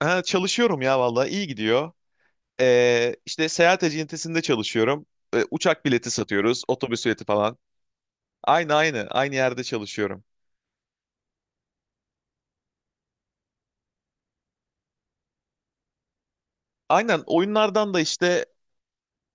Ha, çalışıyorum ya vallahi iyi gidiyor. İşte seyahat acentesinde çalışıyorum. Uçak bileti satıyoruz, otobüs bileti falan. Aynı yerde çalışıyorum. Aynen oyunlardan da işte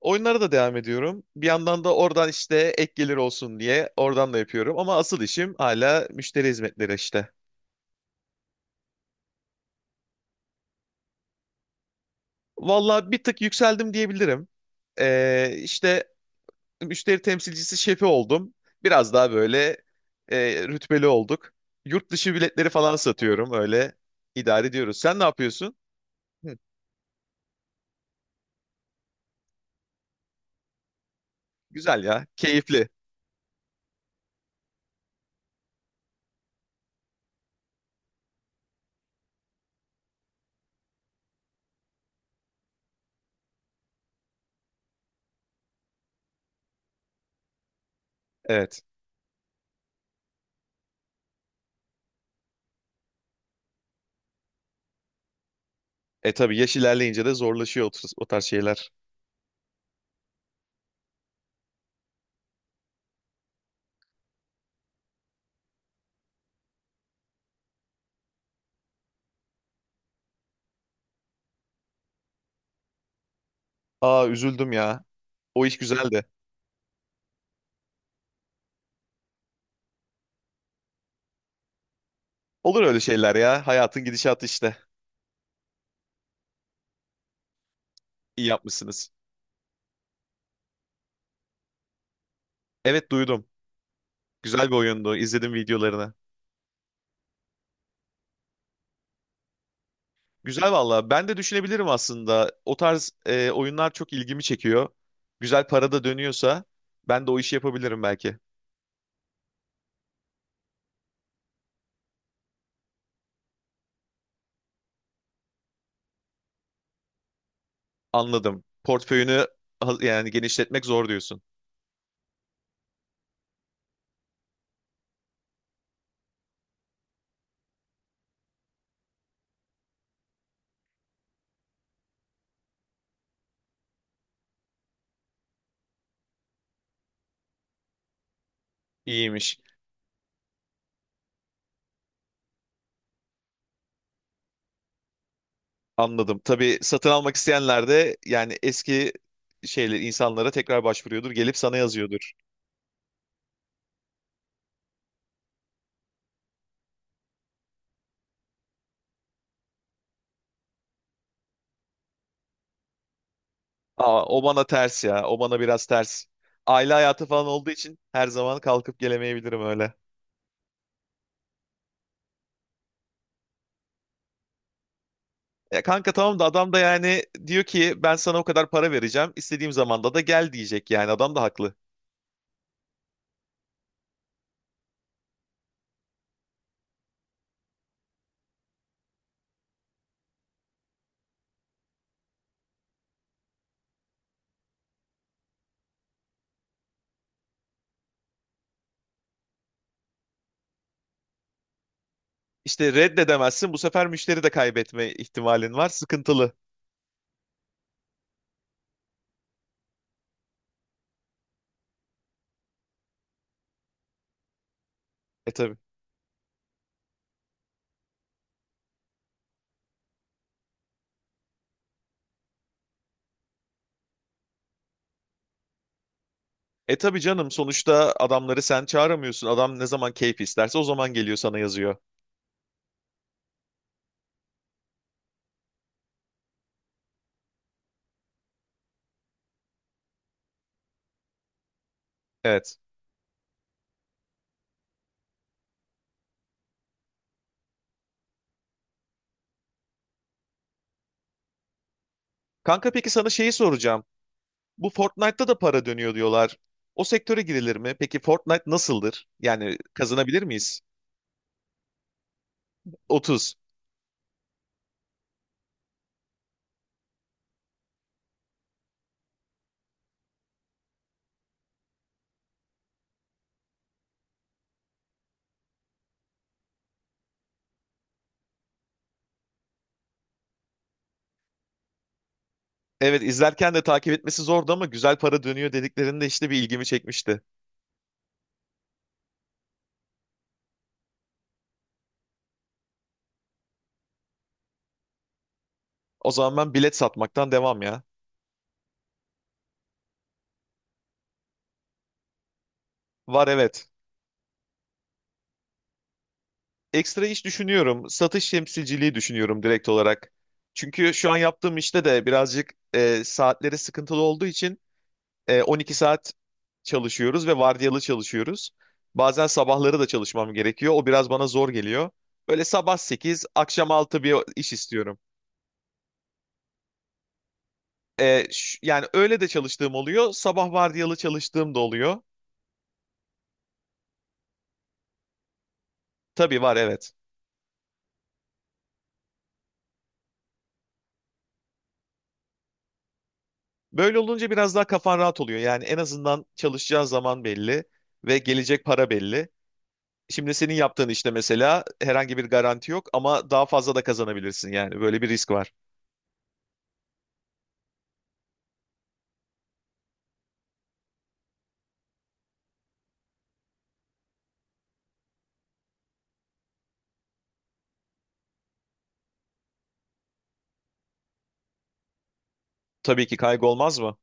oyunlara da devam ediyorum. Bir yandan da oradan işte ek gelir olsun diye oradan da yapıyorum. Ama asıl işim hala müşteri hizmetleri işte. Vallahi bir tık yükseldim diyebilirim. İşte müşteri temsilcisi şefi oldum. Biraz daha böyle rütbeli olduk. Yurt dışı biletleri falan satıyorum, öyle idare ediyoruz. Sen ne yapıyorsun? Hı, güzel ya, keyifli. Evet. E tabii yaş ilerleyince de zorlaşıyor o, o tarz şeyler. Aa, üzüldüm ya. O iş güzeldi. Olur öyle şeyler ya. Hayatın gidişatı işte. İyi yapmışsınız. Evet, duydum. Güzel bir oyundu, İzledim videolarını. Güzel valla. Ben de düşünebilirim aslında. O tarz oyunlar çok ilgimi çekiyor. Güzel para da dönüyorsa ben de o işi yapabilirim belki. Anladım. Yani genişletmek zor diyorsun. İyiymiş. Anladım. Tabii satın almak isteyenler de yani eski şeyler insanlara tekrar başvuruyordur. Gelip sana yazıyordur. Aa, o bana ters ya. O bana biraz ters. Aile hayatı falan olduğu için her zaman kalkıp gelemeyebilirim öyle. Ya kanka, tamam da adam da yani diyor ki ben sana o kadar para vereceğim, istediğim zamanda da gel diyecek, yani adam da haklı. İşte reddedemezsin, bu sefer müşteri de kaybetme ihtimalin var, sıkıntılı. E tabii. E tabii canım, sonuçta adamları sen çağıramıyorsun. Adam ne zaman keyfi isterse o zaman geliyor sana yazıyor. Evet. Kanka peki sana şeyi soracağım. Bu Fortnite'ta da para dönüyor diyorlar. O sektöre girilir mi? Peki Fortnite nasıldır? Yani kazanabilir miyiz? 30. Evet, izlerken de takip etmesi zordu ama güzel para dönüyor dediklerinde işte bir ilgimi çekmişti. O zaman ben bilet satmaktan devam ya. Var, evet. Ekstra iş düşünüyorum. Satış temsilciliği düşünüyorum direkt olarak. Çünkü şu an yaptığım işte de birazcık saatleri sıkıntılı olduğu için 12 saat çalışıyoruz ve vardiyalı çalışıyoruz. Bazen sabahları da çalışmam gerekiyor. O biraz bana zor geliyor. Böyle sabah 8 akşam 6 bir iş istiyorum. Yani öyle de çalıştığım oluyor. Sabah vardiyalı çalıştığım da oluyor. Tabii var, evet. Böyle olunca biraz daha kafan rahat oluyor. Yani en azından çalışacağın zaman belli ve gelecek para belli. Şimdi senin yaptığın işte mesela herhangi bir garanti yok ama daha fazla da kazanabilirsin yani. Böyle bir risk var. Tabii ki, kaygı olmaz mı?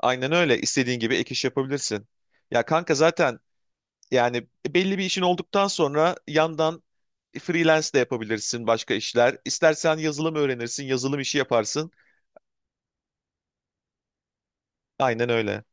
Aynen öyle. İstediğin gibi ek iş yapabilirsin. Ya kanka zaten yani belli bir işin olduktan sonra yandan freelance de yapabilirsin başka işler. İstersen yazılım öğrenirsin, yazılım işi yaparsın. Aynen öyle.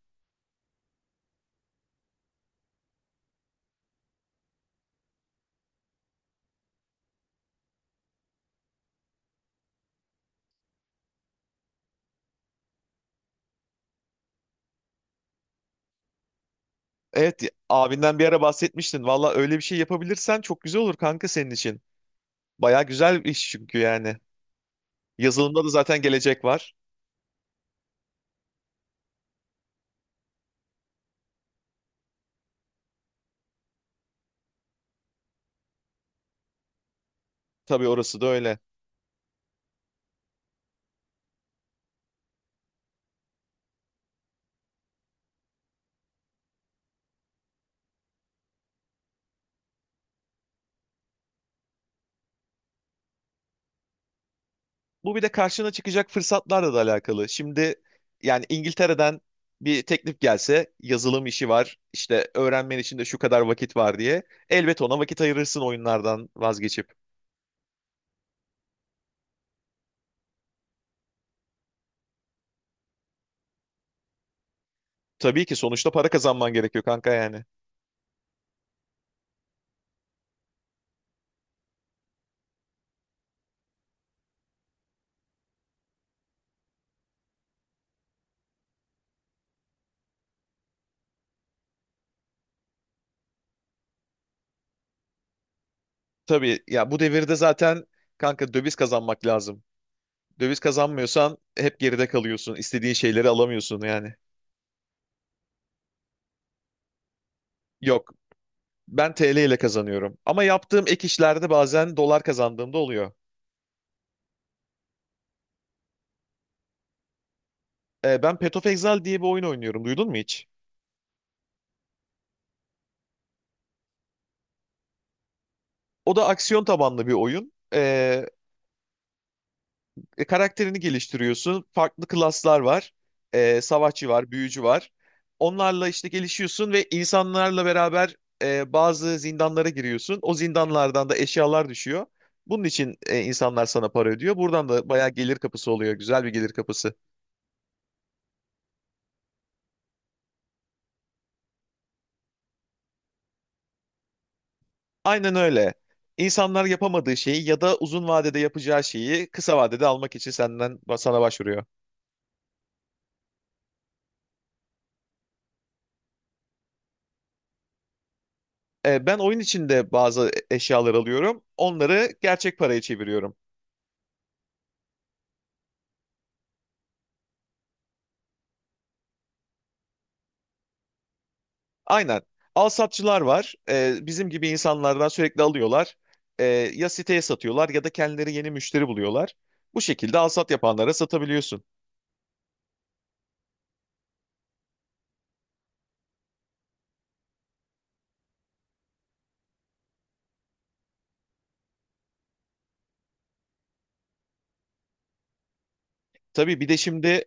Evet, abinden bir ara bahsetmiştin. Valla öyle bir şey yapabilirsen çok güzel olur kanka senin için. Baya güzel bir iş çünkü yani. Yazılımda da zaten gelecek var. Tabii, orası da öyle. Bu bir de karşına çıkacak fırsatlarla da alakalı. Şimdi yani İngiltere'den bir teklif gelse yazılım işi var, işte öğrenmen için de şu kadar vakit var diye. Elbet ona vakit ayırırsın oyunlardan vazgeçip. Tabii ki sonuçta para kazanman gerekiyor kanka yani. Tabii ya, bu devirde zaten kanka döviz kazanmak lazım. Döviz kazanmıyorsan hep geride kalıyorsun. İstediğin şeyleri alamıyorsun yani. Yok, ben TL ile kazanıyorum. Ama yaptığım ek işlerde bazen dolar kazandığımda oluyor. Ben Path of Exile diye bir oyun oynuyorum. Duydun mu hiç? O da aksiyon tabanlı bir oyun. Karakterini geliştiriyorsun. Farklı klaslar var. Savaşçı var, büyücü var. Onlarla işte gelişiyorsun ve insanlarla beraber bazı zindanlara giriyorsun. O zindanlardan da eşyalar düşüyor. Bunun için insanlar sana para ödüyor. Buradan da bayağı gelir kapısı oluyor. Güzel bir gelir kapısı. Aynen öyle. İnsanlar yapamadığı şeyi ya da uzun vadede yapacağı şeyi kısa vadede almak için senden, sana başvuruyor. Ben oyun içinde bazı eşyalar alıyorum. Onları gerçek paraya çeviriyorum. Aynen. Alsatçılar var. Bizim gibi insanlardan sürekli alıyorlar. Ee, Ya siteye satıyorlar ya da kendileri yeni müşteri buluyorlar. Bu şekilde alsat yapanlara satabiliyorsun. Tabii bir de şimdi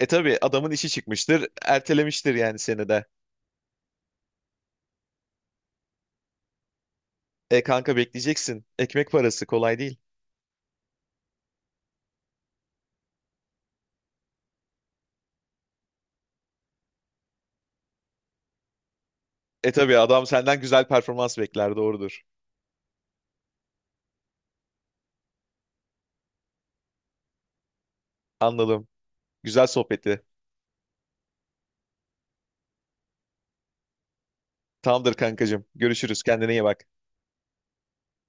e tabii adamın işi çıkmıştır. Ertelemiştir yani seni de. E kanka, bekleyeceksin. Ekmek parası kolay değil. E tabii, adam senden güzel performans bekler, doğrudur. Anladım. Güzel sohbeti. Tamamdır kankacığım. Görüşürüz. Kendine iyi bak.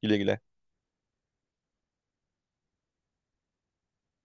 Güle güle.